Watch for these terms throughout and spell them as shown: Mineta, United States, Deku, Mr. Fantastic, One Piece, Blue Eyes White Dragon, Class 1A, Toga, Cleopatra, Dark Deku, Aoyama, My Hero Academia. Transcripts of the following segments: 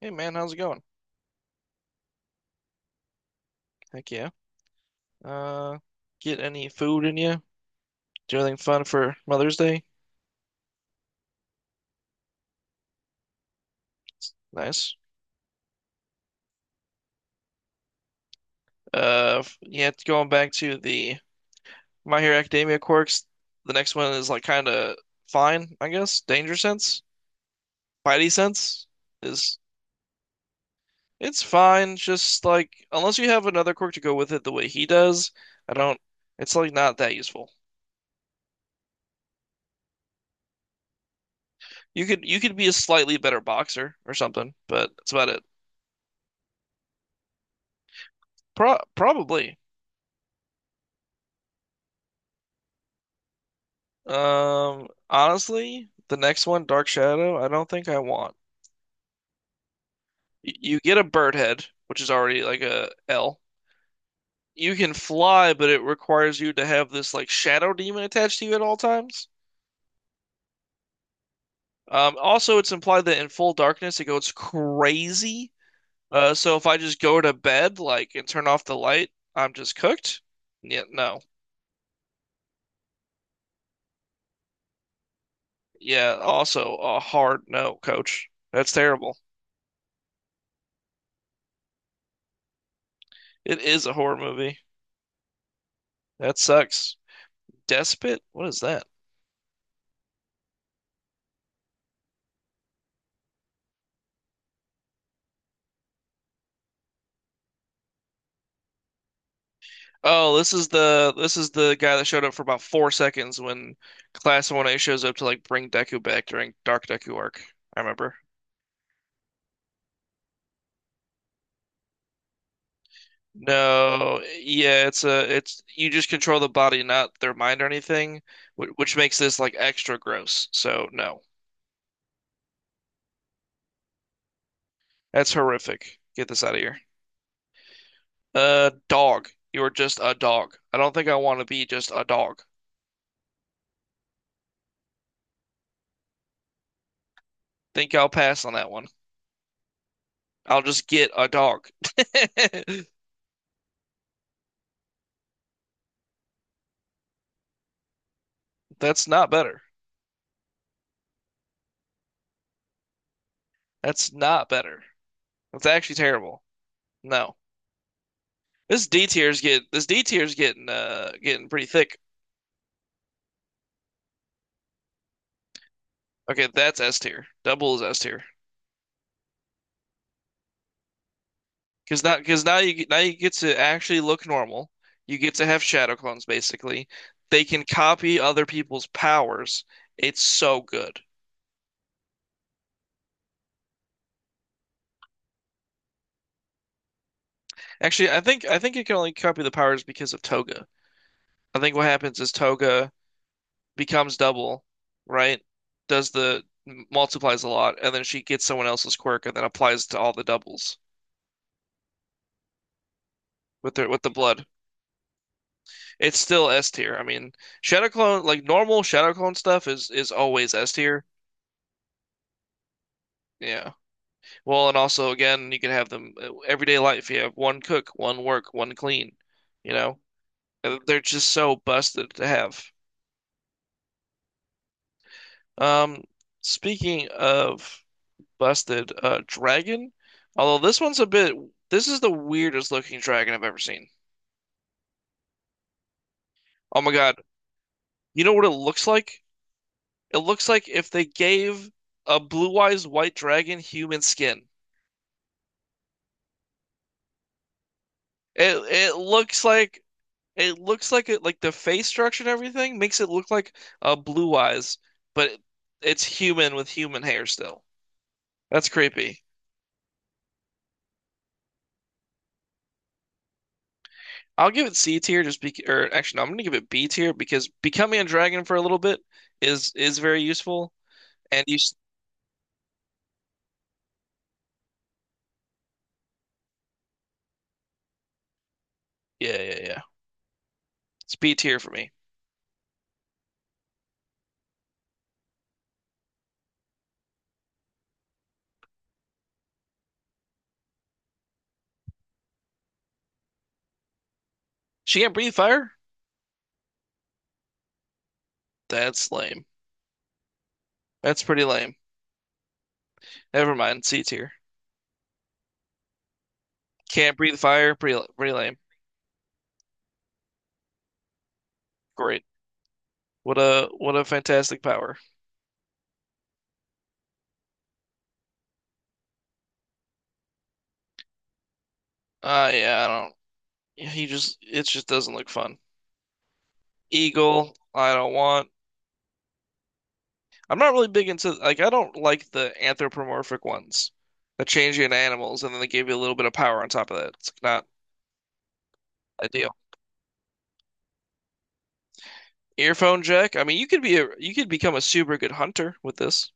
Hey man, how's it going? Heck yeah. Uh, get any food in you? Do anything fun for Mother's Day? Nice. Yeah, going back to the My Hero Academia quirks, the next one is like kind of fine, I guess. Danger sense, Spidey sense is it's fine. Just like unless you have another quirk to go with it the way he does, I don't. It's like not that useful. You could be a slightly better boxer or something, but that's about it. Probably. Honestly, the next one, Dark Shadow, I don't think I want. You get a bird head, which is already like a L. You can fly, but it requires you to have this like shadow demon attached to you at all times. Also, it's implied that in full darkness it goes crazy. So if I just go to bed like and turn off the light, I'm just cooked. Yeah, no. Yeah, also a hard no, coach. That's terrible. It is a horror movie. That sucks. Despot? What is that? Oh, this is the guy that showed up for about 4 seconds when Class 1A shows up to like bring Deku back during Dark Deku arc. I remember. No, yeah, it's you just control the body, not their mind or anything, which makes this like extra gross. So no, that's horrific. Get this out of here. Dog, you are just a dog. I don't think I want to be just a dog. Think I'll pass on that one. I'll just get a dog. That's not better. That's not better. It's actually terrible. No. This D tier's getting getting pretty thick. Okay, that's S tier. Double is S tier. Because now you get to actually look normal. You get to have shadow clones basically. They can copy other people's powers. It's so good. Actually, I think you can only copy the powers because of Toga. I think what happens is Toga becomes double, right? Does the multiplies a lot, and then she gets someone else's quirk and then applies to all the doubles with the blood. It's still S tier. I mean, Shadow Clone, like normal Shadow Clone stuff is always S tier. Yeah. Well, and also again, you can have them everyday life. You have one cook, one work, one clean. You know, they're just so busted to have. Um, Speaking of busted, dragon. Although this one's a bit, This is the weirdest looking dragon I've ever seen. Oh my God. You know what it looks like? It looks like if they gave a blue-eyes white dragon human skin. It it looks like it looks like it like the face structure and everything makes it look like Blue Eyes, but it, it's human with human hair still. That's creepy. I'll give it C tier just be or actually no, I'm gonna give it B tier because becoming a dragon for a little bit is very useful and yeah yeah. It's B tier for me. She can't breathe fire? That's lame. That's pretty lame. Never mind, C tier. Can't breathe fire? Pretty lame. Great. What a fantastic power. Yeah, I don't. Yeah, he just it just doesn't look fun. Eagle, I don't want. I'm not really big into like I don't like the anthropomorphic ones that change you into animals and then they give you a little bit of power on top of that. It's not ideal. Earphone jack. I mean, you could become a super good hunter with this.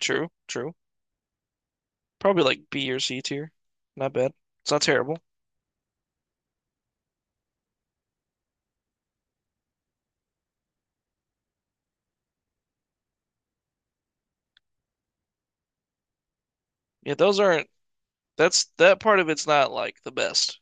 True, true. Probably like B or C tier. Not bad. It's not terrible. Yeah, those aren't. That's that part of it's not like the best.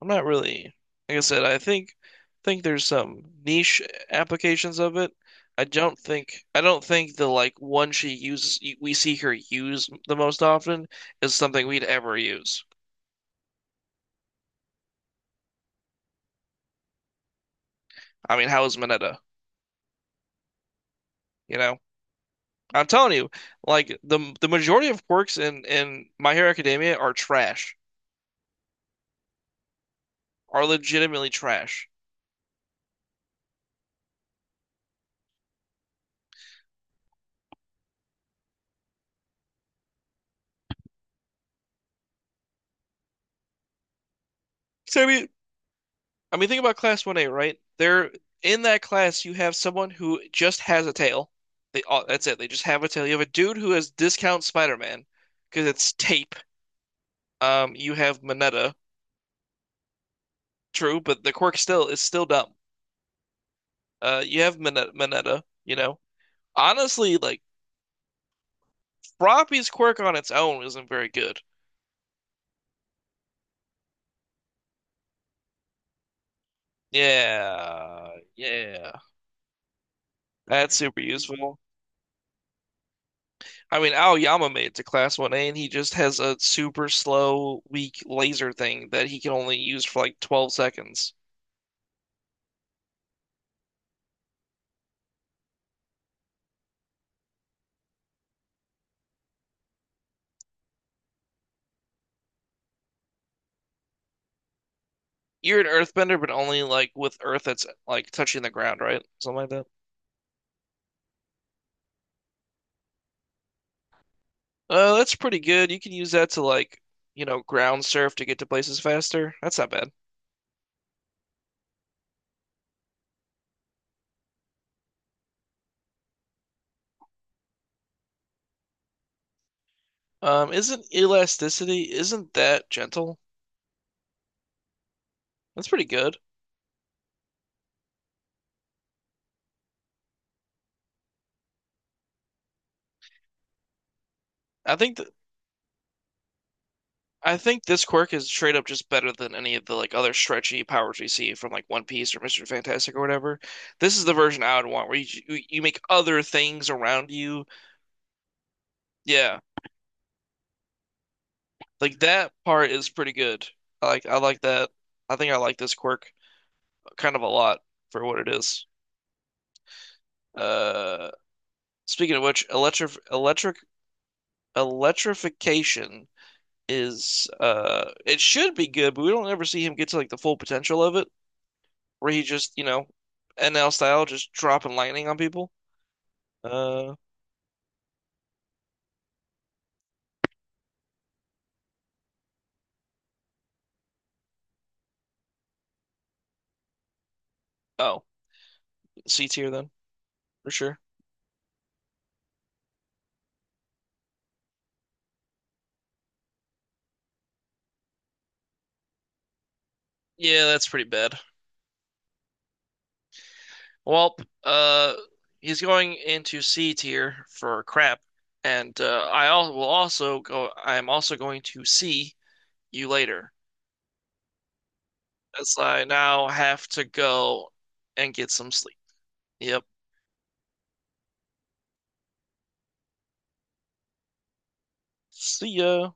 I'm not really, Like I said, I think there's some niche applications of it. I don't think the like one she uses we see her use the most often is something we'd ever use. I mean, how is Mineta? You know, I'm telling you, like the majority of quirks in My Hero Academia are trash, are legitimately trash. So I mean, think about Class 1A, right? They're in that class. You have someone who just has a tail. They all, that's it. They just have a tail. You have a dude who has discount Spider-Man because it's tape. You have Mineta, true, but the quirk still is still dumb. You have Mineta, you know. Honestly, like Froppy's quirk on its own isn't very good. Yeah, yeah, that's super useful. I mean, Aoyama made it to Class 1A, and he just has a super slow, weak laser thing that he can only use for like 12 seconds. You're an earthbender, but only like with earth that's like touching the ground, right? Something like that. That's pretty good. You can use that to like, you know, ground surf to get to places faster. That's not bad. Isn't elasticity, isn't that gentle? That's pretty good. I think th I think this quirk is straight up just better than any of the like other stretchy powers we see from like One Piece or Mr. Fantastic or whatever. This is the version I would want where you make other things around you. Yeah, like that part is pretty good. I like that. I think I like this quirk kind of a lot for what it is. Uh, Speaking of which, electric electric electrification is it should be good, but we don't ever see him get to like the full potential of it. Where he just, you know, NL style, just dropping lightning on people. Uh oh, C tier then for sure. Yeah, that's pretty bad. Well, uh, he's going into C tier for crap, and I al will also go. I am also going to see you later, as I now have to go and get some sleep. Yep. See ya.